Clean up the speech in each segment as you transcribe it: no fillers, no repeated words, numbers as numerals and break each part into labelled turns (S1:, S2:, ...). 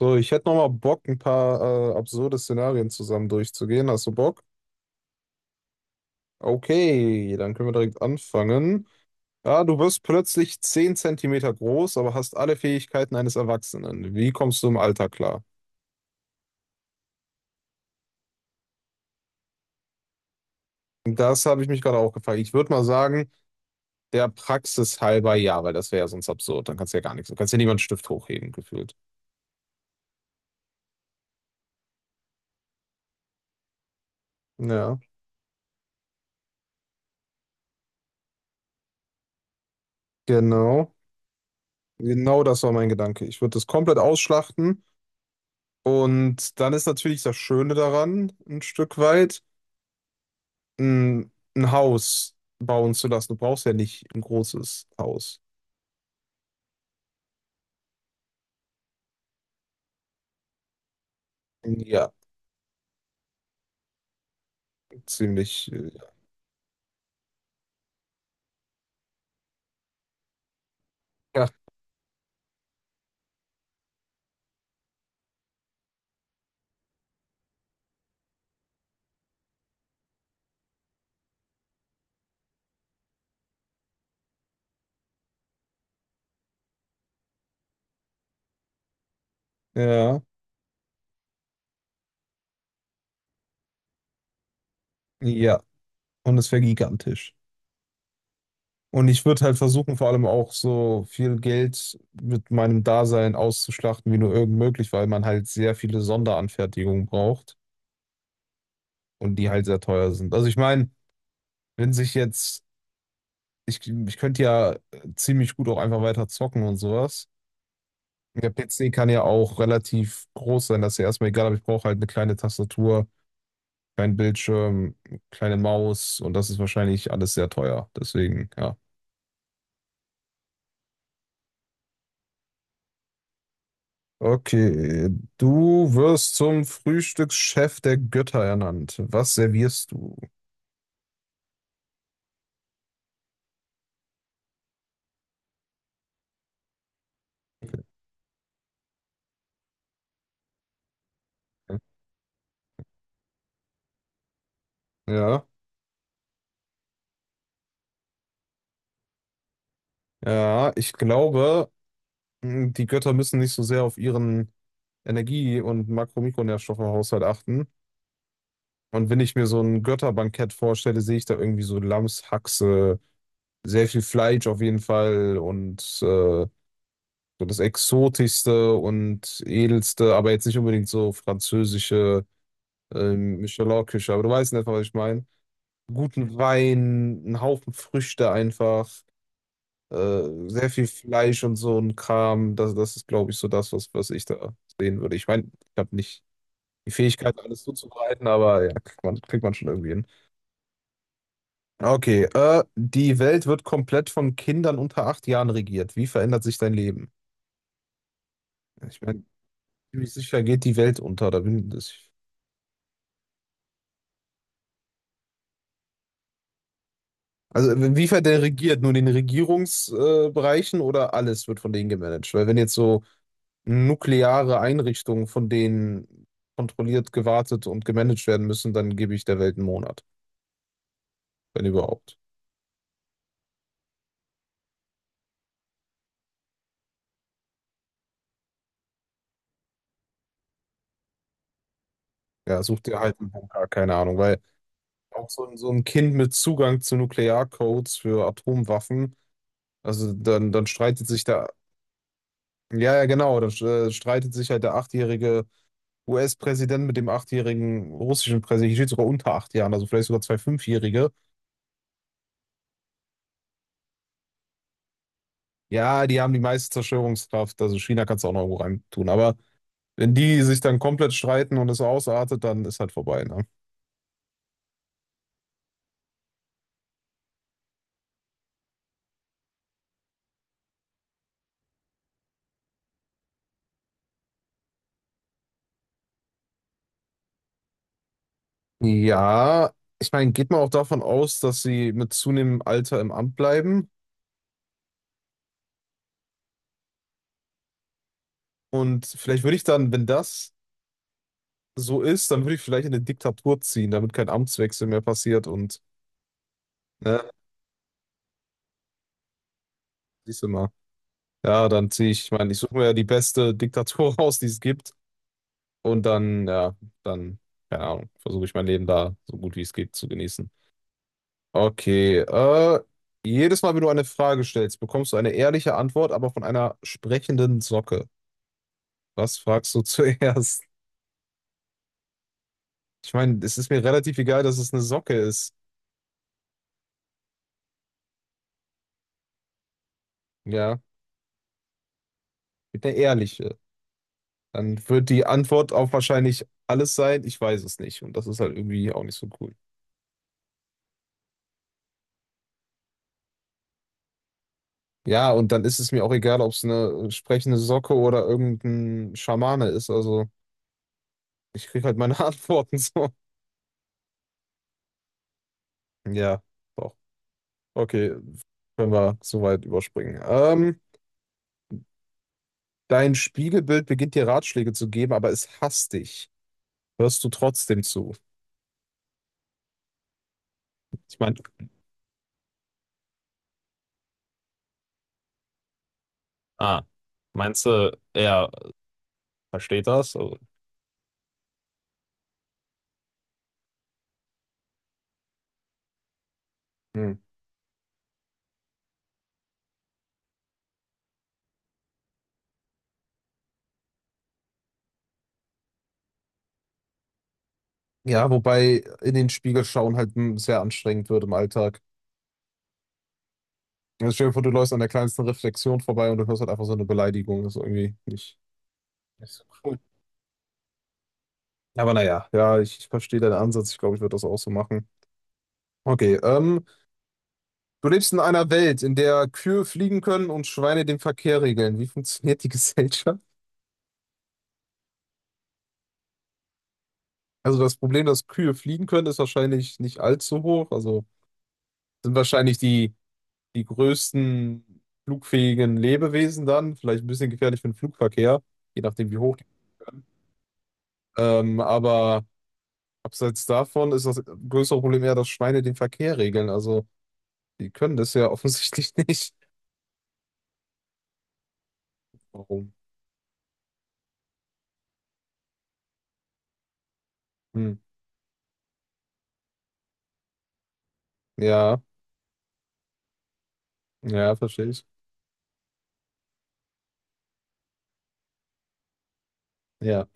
S1: So, ich hätte nochmal Bock, ein paar absurde Szenarien zusammen durchzugehen. Hast du Bock? Okay, dann können wir direkt anfangen. Ja, du wirst plötzlich 10 Zentimeter groß, aber hast alle Fähigkeiten eines Erwachsenen. Wie kommst du im Alter klar? Das habe ich mich gerade auch gefragt. Ich würde mal sagen, der Praxis halber ja, weil das wäre ja sonst absurd. Dann kannst du ja gar nichts. Du kannst ja niemanden Stift hochheben, gefühlt. Ja, genau. Genau das war mein Gedanke. Ich würde das komplett ausschlachten. Und dann ist natürlich das Schöne daran, ein Stück weit ein Haus bauen zu lassen. Du brauchst ja nicht ein großes Haus. Ja, ziemlich. Ja, ja, ja. Und es wäre gigantisch. Und ich würde halt versuchen, vor allem auch so viel Geld mit meinem Dasein auszuschlachten, wie nur irgend möglich, weil man halt sehr viele Sonderanfertigungen braucht und die halt sehr teuer sind. Also ich meine, wenn sich jetzt, ich könnte ja ziemlich gut auch einfach weiter zocken und sowas. Der PC kann ja auch relativ groß sein, das ist ja erstmal egal, aber ich brauche halt eine kleine Tastatur, kleinen Bildschirm, kleine Maus und das ist wahrscheinlich alles sehr teuer. Deswegen, ja. Okay, du wirst zum Frühstückschef der Götter ernannt. Was servierst du? Ja, ja, ich glaube, die Götter müssen nicht so sehr auf ihren Energie- und Makro-Mikronährstoffhaushalt achten. Und wenn ich mir so ein Götterbankett vorstelle, sehe ich da irgendwie so Lammshaxe. Sehr viel Fleisch auf jeden Fall und so das Exotischste und Edelste, aber jetzt nicht unbedingt so französische Michelin-Küche, aber du weißt in etwa, was ich meine. Guten Wein, einen Haufen Früchte einfach, sehr viel Fleisch und so ein Kram. Das ist, glaube ich, so das, was ich da sehen würde. Ich meine, ich habe nicht die Fähigkeit, alles zuzubereiten, aber ja, kriegt man schon irgendwie hin. Okay, die Welt wird komplett von Kindern unter 8 Jahren regiert. Wie verändert sich dein Leben? Ich meine, ziemlich sicher geht die Welt unter. Da bin ich. Also inwiefern der regiert? Nur in den Regierungsbereichen Bereichen oder alles wird von denen gemanagt? Weil wenn jetzt so nukleare Einrichtungen von denen kontrolliert, gewartet und gemanagt werden müssen, dann gebe ich der Welt einen Monat, wenn überhaupt. Ja, such dir halt einen Bunker, keine Ahnung. Weil auch so, so ein Kind mit Zugang zu Nuklearcodes für Atomwaffen, also dann streitet sich da, ja, ja, genau, dann streitet sich halt der Achtjährige US-Präsident mit dem achtjährigen russischen Präsidenten, hier steht sogar unter 8 Jahren, also vielleicht sogar zwei Fünfjährige. Ja, die haben die meiste Zerstörungskraft, also China kannst du auch noch irgendwo rein tun. Aber wenn die sich dann komplett streiten und es ausartet, dann ist halt vorbei, ne? Ja, ich meine, geht man auch davon aus, dass sie mit zunehmendem Alter im Amt bleiben? Und vielleicht würde ich dann, wenn das so ist, dann würde ich vielleicht in eine Diktatur ziehen, damit kein Amtswechsel mehr passiert und, ne, siehst du mal. Ja, dann ziehe ich, ich meine, ich suche mir ja die beste Diktatur raus, die es gibt. Und dann, ja, dann, keine Ahnung, versuche ich mein Leben da so gut wie es geht zu genießen. Okay, jedes Mal, wenn du eine Frage stellst, bekommst du eine ehrliche Antwort, aber von einer sprechenden Socke. Was fragst du zuerst? Ich meine, es ist mir relativ egal, dass es eine Socke ist. Ja, mit einer ehrliche. Dann wird die Antwort auch wahrscheinlich alles sein, ich weiß es nicht. Und das ist halt irgendwie auch nicht so cool. Ja, und dann ist es mir auch egal, ob es eine sprechende Socke oder irgendein Schamane ist. Also. Ich krieg halt meine Antworten so. Ja, doch. Okay, können wir so weit überspringen. Dein Spiegelbild beginnt dir Ratschläge zu geben, aber es hasst dich. Hörst du trotzdem zu? Ich meine, Ah, meinst du, er versteht das? Also, hm. ja, wobei in den Spiegel schauen halt sehr anstrengend wird im Alltag. Also stell dir vor, du läufst an der kleinsten Reflexion vorbei und du hörst halt einfach so eine Beleidigung. Das ist irgendwie nicht so cool. Aber naja, ja, ich verstehe deinen Ansatz. Ich glaube, ich würde das auch so machen. Okay. Du lebst in einer Welt, in der Kühe fliegen können und Schweine den Verkehr regeln. Wie funktioniert die Gesellschaft? Also das Problem, dass Kühe fliegen können, ist wahrscheinlich nicht allzu hoch. Also sind wahrscheinlich die größten flugfähigen Lebewesen dann. Vielleicht ein bisschen gefährlich für den Flugverkehr, je nachdem wie hoch. Aber abseits davon ist das größere Problem eher, dass Schweine den Verkehr regeln. Also die können das ja offensichtlich nicht. Warum? Hm. Ja, ja, verstehe ich. Ja.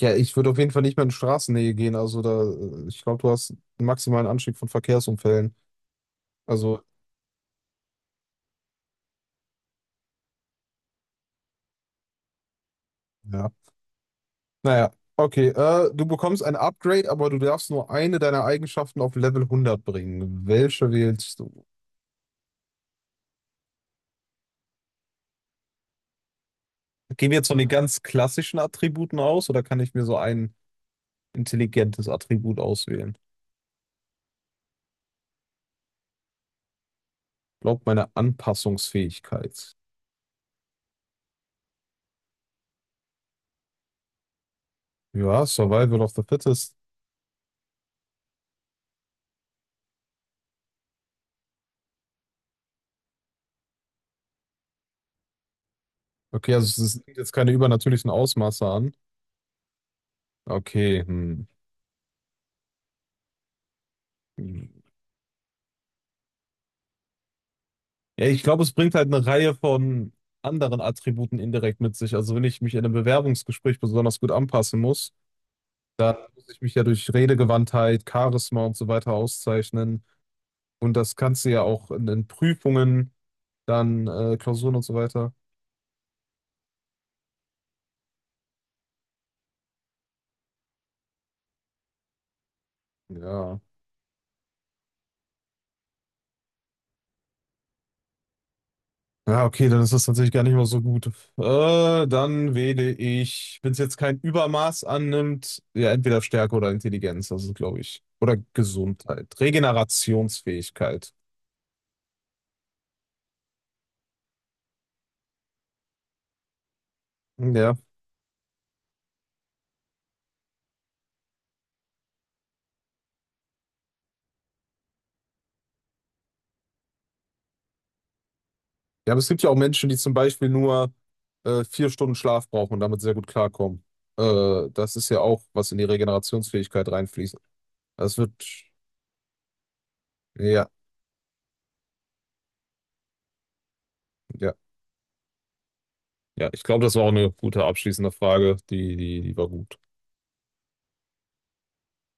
S1: Ja, ich würde auf jeden Fall nicht mehr in Straßennähe gehen. Also da, ich glaube, du hast einen maximalen Anstieg von Verkehrsunfällen. Also, ja. Naja, okay. Du bekommst ein Upgrade, aber du darfst nur eine deiner Eigenschaften auf Level 100 bringen. Welche wählst du? Gehen wir jetzt von den ganz klassischen Attributen aus oder kann ich mir so ein intelligentes Attribut auswählen? Ich glaube, meine Anpassungsfähigkeit. Ja, Survival of the Fittest. Okay, also jetzt keine übernatürlichen Ausmaße an. Okay, hm. Hm. Ja, ich glaube, es bringt halt eine Reihe von anderen Attributen indirekt mit sich. Also wenn ich mich in einem Bewerbungsgespräch besonders gut anpassen muss, dann muss ich mich ja durch Redegewandtheit, Charisma und so weiter auszeichnen. Und das kannst du ja auch in Prüfungen, dann Klausuren und so weiter. Ja. Ja, okay, dann ist das tatsächlich gar nicht mal so gut. Dann wähle ich, wenn es jetzt kein Übermaß annimmt, ja, entweder Stärke oder Intelligenz, das ist, glaube ich. Oder Gesundheit. Regenerationsfähigkeit. Hm, Ja. Ja, aber es gibt ja auch Menschen, die zum Beispiel nur 4 Stunden Schlaf brauchen und damit sehr gut klarkommen. Das ist ja auch, was in die Regenerationsfähigkeit reinfließt. Das wird, ja, ja, ja. Ich glaube, das war auch eine gute abschließende Frage. Die war gut.